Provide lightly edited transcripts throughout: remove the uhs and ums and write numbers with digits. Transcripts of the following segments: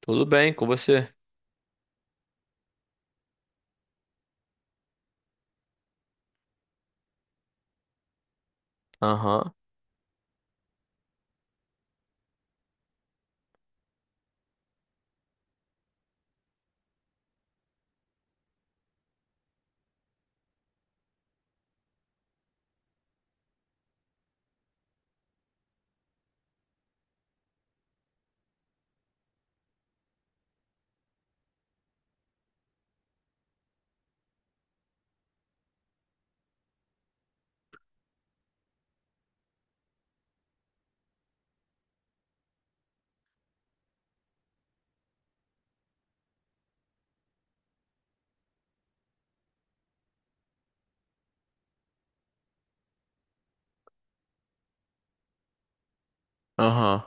Tudo bem com você? Aham, aham.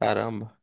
Caramba.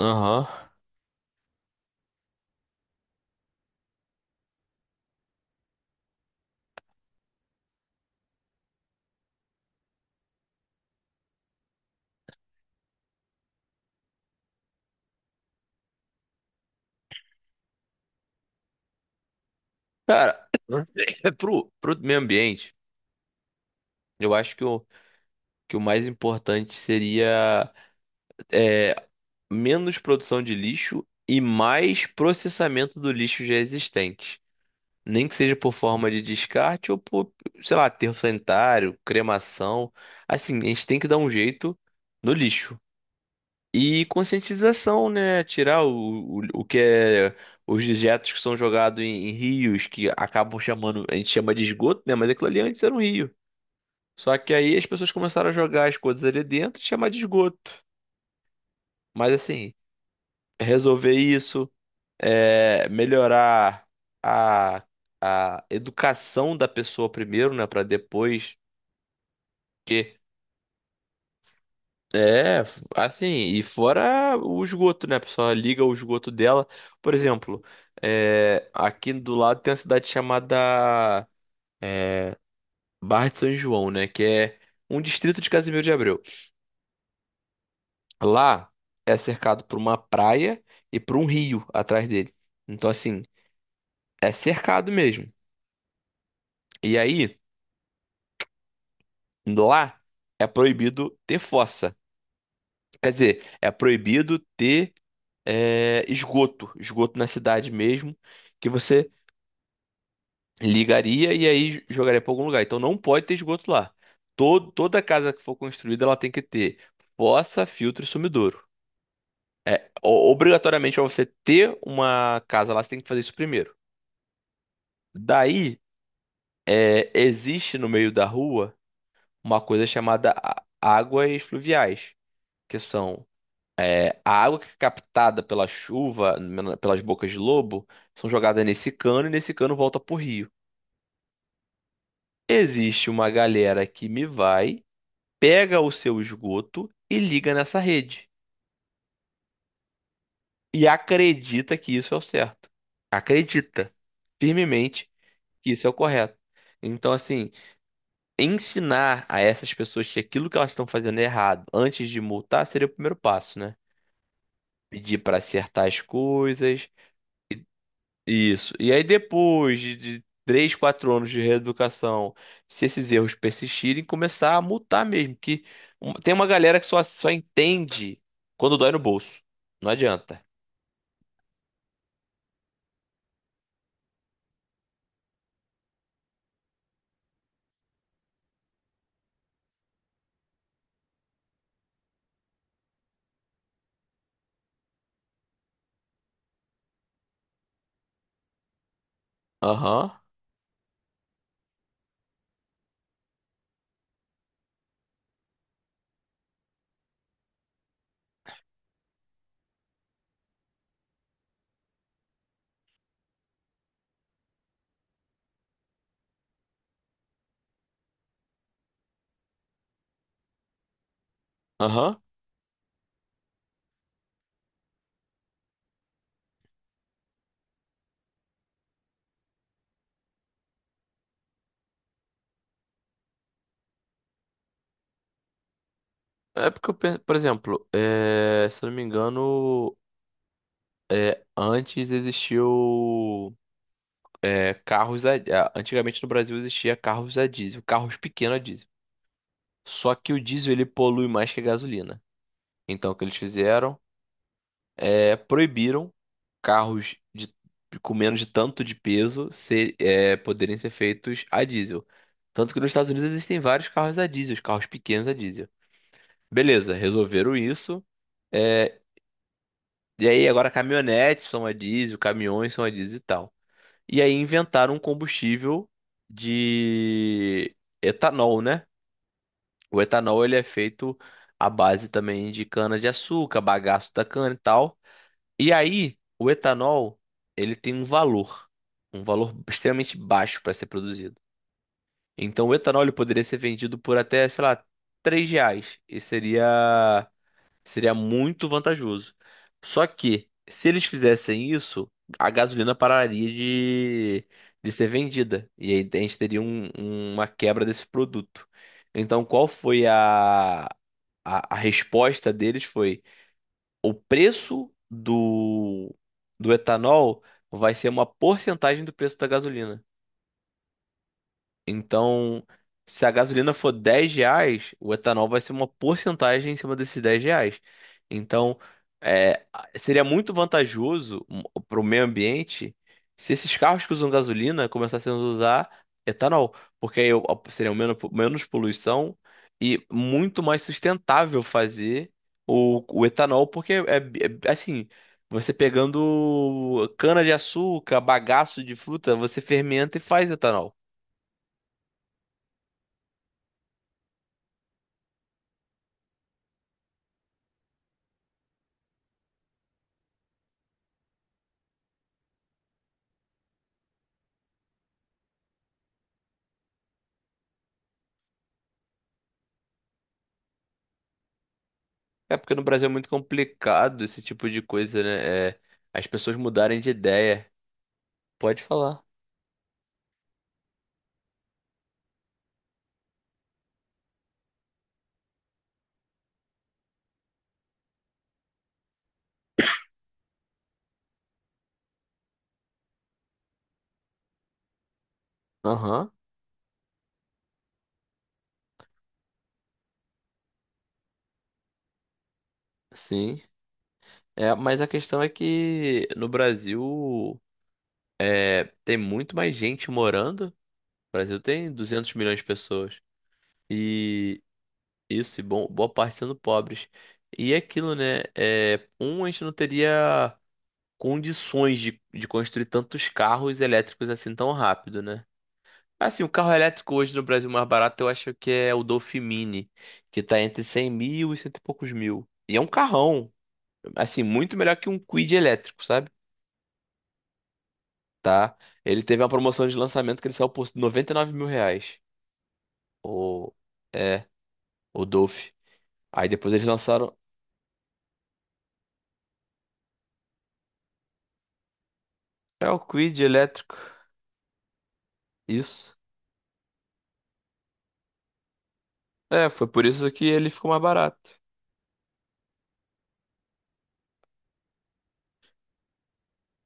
Aham. Cara, é pro meio ambiente, eu acho que que o mais importante seria, é, menos produção de lixo e mais processamento do lixo já existente. Nem que seja por forma de descarte ou por, sei lá, aterro sanitário, cremação. Assim, a gente tem que dar um jeito no lixo. E conscientização, né? Tirar o que é os dejetos que são jogados em rios, que acabam chamando, a gente chama de esgoto, né? Mas aquilo ali antes era um rio. Só que aí as pessoas começaram a jogar as coisas ali dentro e chamar de esgoto. Mas assim, resolver isso, é, melhorar a, a educação da pessoa primeiro, né? Para depois. É, assim, e fora o esgoto, né? A pessoa liga o esgoto dela. Por exemplo, aqui do lado tem uma cidade chamada Barra de São João, né? Que é um distrito de Casimiro de Abreu. Lá é cercado por uma praia e por um rio atrás dele. Então, assim, é cercado mesmo. E aí, lá é proibido ter fossa. Quer dizer, é proibido ter, esgoto, esgoto na cidade mesmo. Que você ligaria e aí jogaria para algum lugar. Então não pode ter esgoto lá. Toda casa que for construída, ela tem que ter fossa, filtro e sumidouro. Obrigatoriamente, para você ter uma casa lá, você tem que fazer isso primeiro. Daí, existe no meio da rua uma coisa chamada águas fluviais, que são a água que é captada pela chuva, pelas bocas de lobo, são jogadas nesse cano e nesse cano volta pro rio. Existe uma galera que me vai pega o seu esgoto e liga nessa rede. E acredita que isso é o certo. Acredita firmemente que isso é o correto. Então, assim, ensinar a essas pessoas que aquilo que elas estão fazendo é errado antes de multar seria o primeiro passo, né? Pedir para acertar as coisas. Isso. E aí, depois de 3, 4 anos de reeducação, se esses erros persistirem, começar a multar mesmo. Que um- tem uma galera que só entende quando dói no bolso. Não adianta. Aham, aham. É porque, eu penso, por exemplo, se eu não me engano, antes existiu é, carros a- antigamente no Brasil existia carros a diesel, carros pequenos a diesel. Só que o diesel ele polui mais que a gasolina. Então o que eles fizeram é proibiram carros com menos de tanto de peso ser, é, poderem ser feitos a diesel. Tanto que nos Estados Unidos existem vários carros a diesel, os carros pequenos a diesel. Beleza, resolveram isso. eh, E aí agora caminhonetes são a diesel, caminhões são a diesel e tal. E aí inventaram um combustível de etanol, né? O etanol ele é feito à base também de cana-de-açúcar, bagaço da cana e tal. E aí o etanol ele tem um valor extremamente baixo para ser produzido. Então o etanol ele poderia ser vendido por até, sei lá, R$ 3. E seria muito vantajoso. Só que, se eles fizessem isso, a gasolina pararia de ser vendida. E aí a gente teria uma quebra desse produto. Então, qual foi a resposta deles? Foi o preço do etanol vai ser uma porcentagem do preço da gasolina. Então, se a gasolina for R$ 10, o etanol vai ser uma porcentagem em cima desses R$ 10. Então, é, seria muito vantajoso para o meio ambiente se esses carros que usam gasolina começassem a usar etanol, porque aí ó, seria menos, menos poluição e muito mais sustentável fazer o etanol, porque assim. Você pegando cana de açúcar, bagaço de fruta, você fermenta e faz etanol. É porque no Brasil é muito complicado esse tipo de coisa, né? É, as pessoas mudarem de ideia. Pode falar. Aham, sim. É, mas a questão é que no Brasil, tem muito mais gente morando. O Brasil tem 200 milhões de pessoas. E isso, e bom, boa parte sendo pobres. E é aquilo, né? É, a gente não teria condições de construir tantos carros elétricos assim tão rápido, né? Assim, o carro elétrico hoje no Brasil mais barato eu acho que é o Dolphin Mini, que tá entre 100 mil e cento e poucos mil. E é um carrão, assim, muito melhor que um Kwid elétrico, sabe? Tá? Ele teve uma promoção de lançamento que ele saiu por R$ 99 mil. O, é, o Dolphin. Aí depois eles lançaram, é o Kwid elétrico. Isso. É, foi por isso que ele ficou mais barato.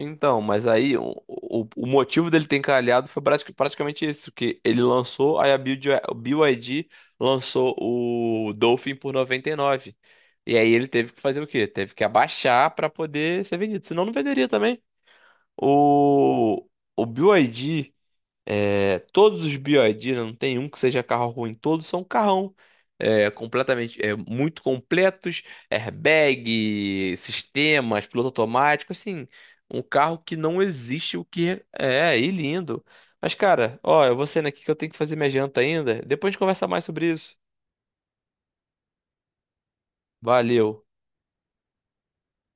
Então, mas aí o motivo dele ter encalhado foi praticamente isso, que ele lançou, aí a BYD lançou o Dolphin por 99, e aí ele teve que fazer o quê? Teve que abaixar para poder ser vendido, senão não venderia também. O, o BYD, todos os BYD, né, não tem um que seja carro ruim, todos são carrão. Completamente, muito completos, airbag, sistemas, piloto automático, assim, um carro que não existe o que é, e lindo. Mas, cara, ó, eu vou saindo aqui que eu tenho que fazer minha janta ainda. Depois a gente conversa mais sobre isso. Valeu.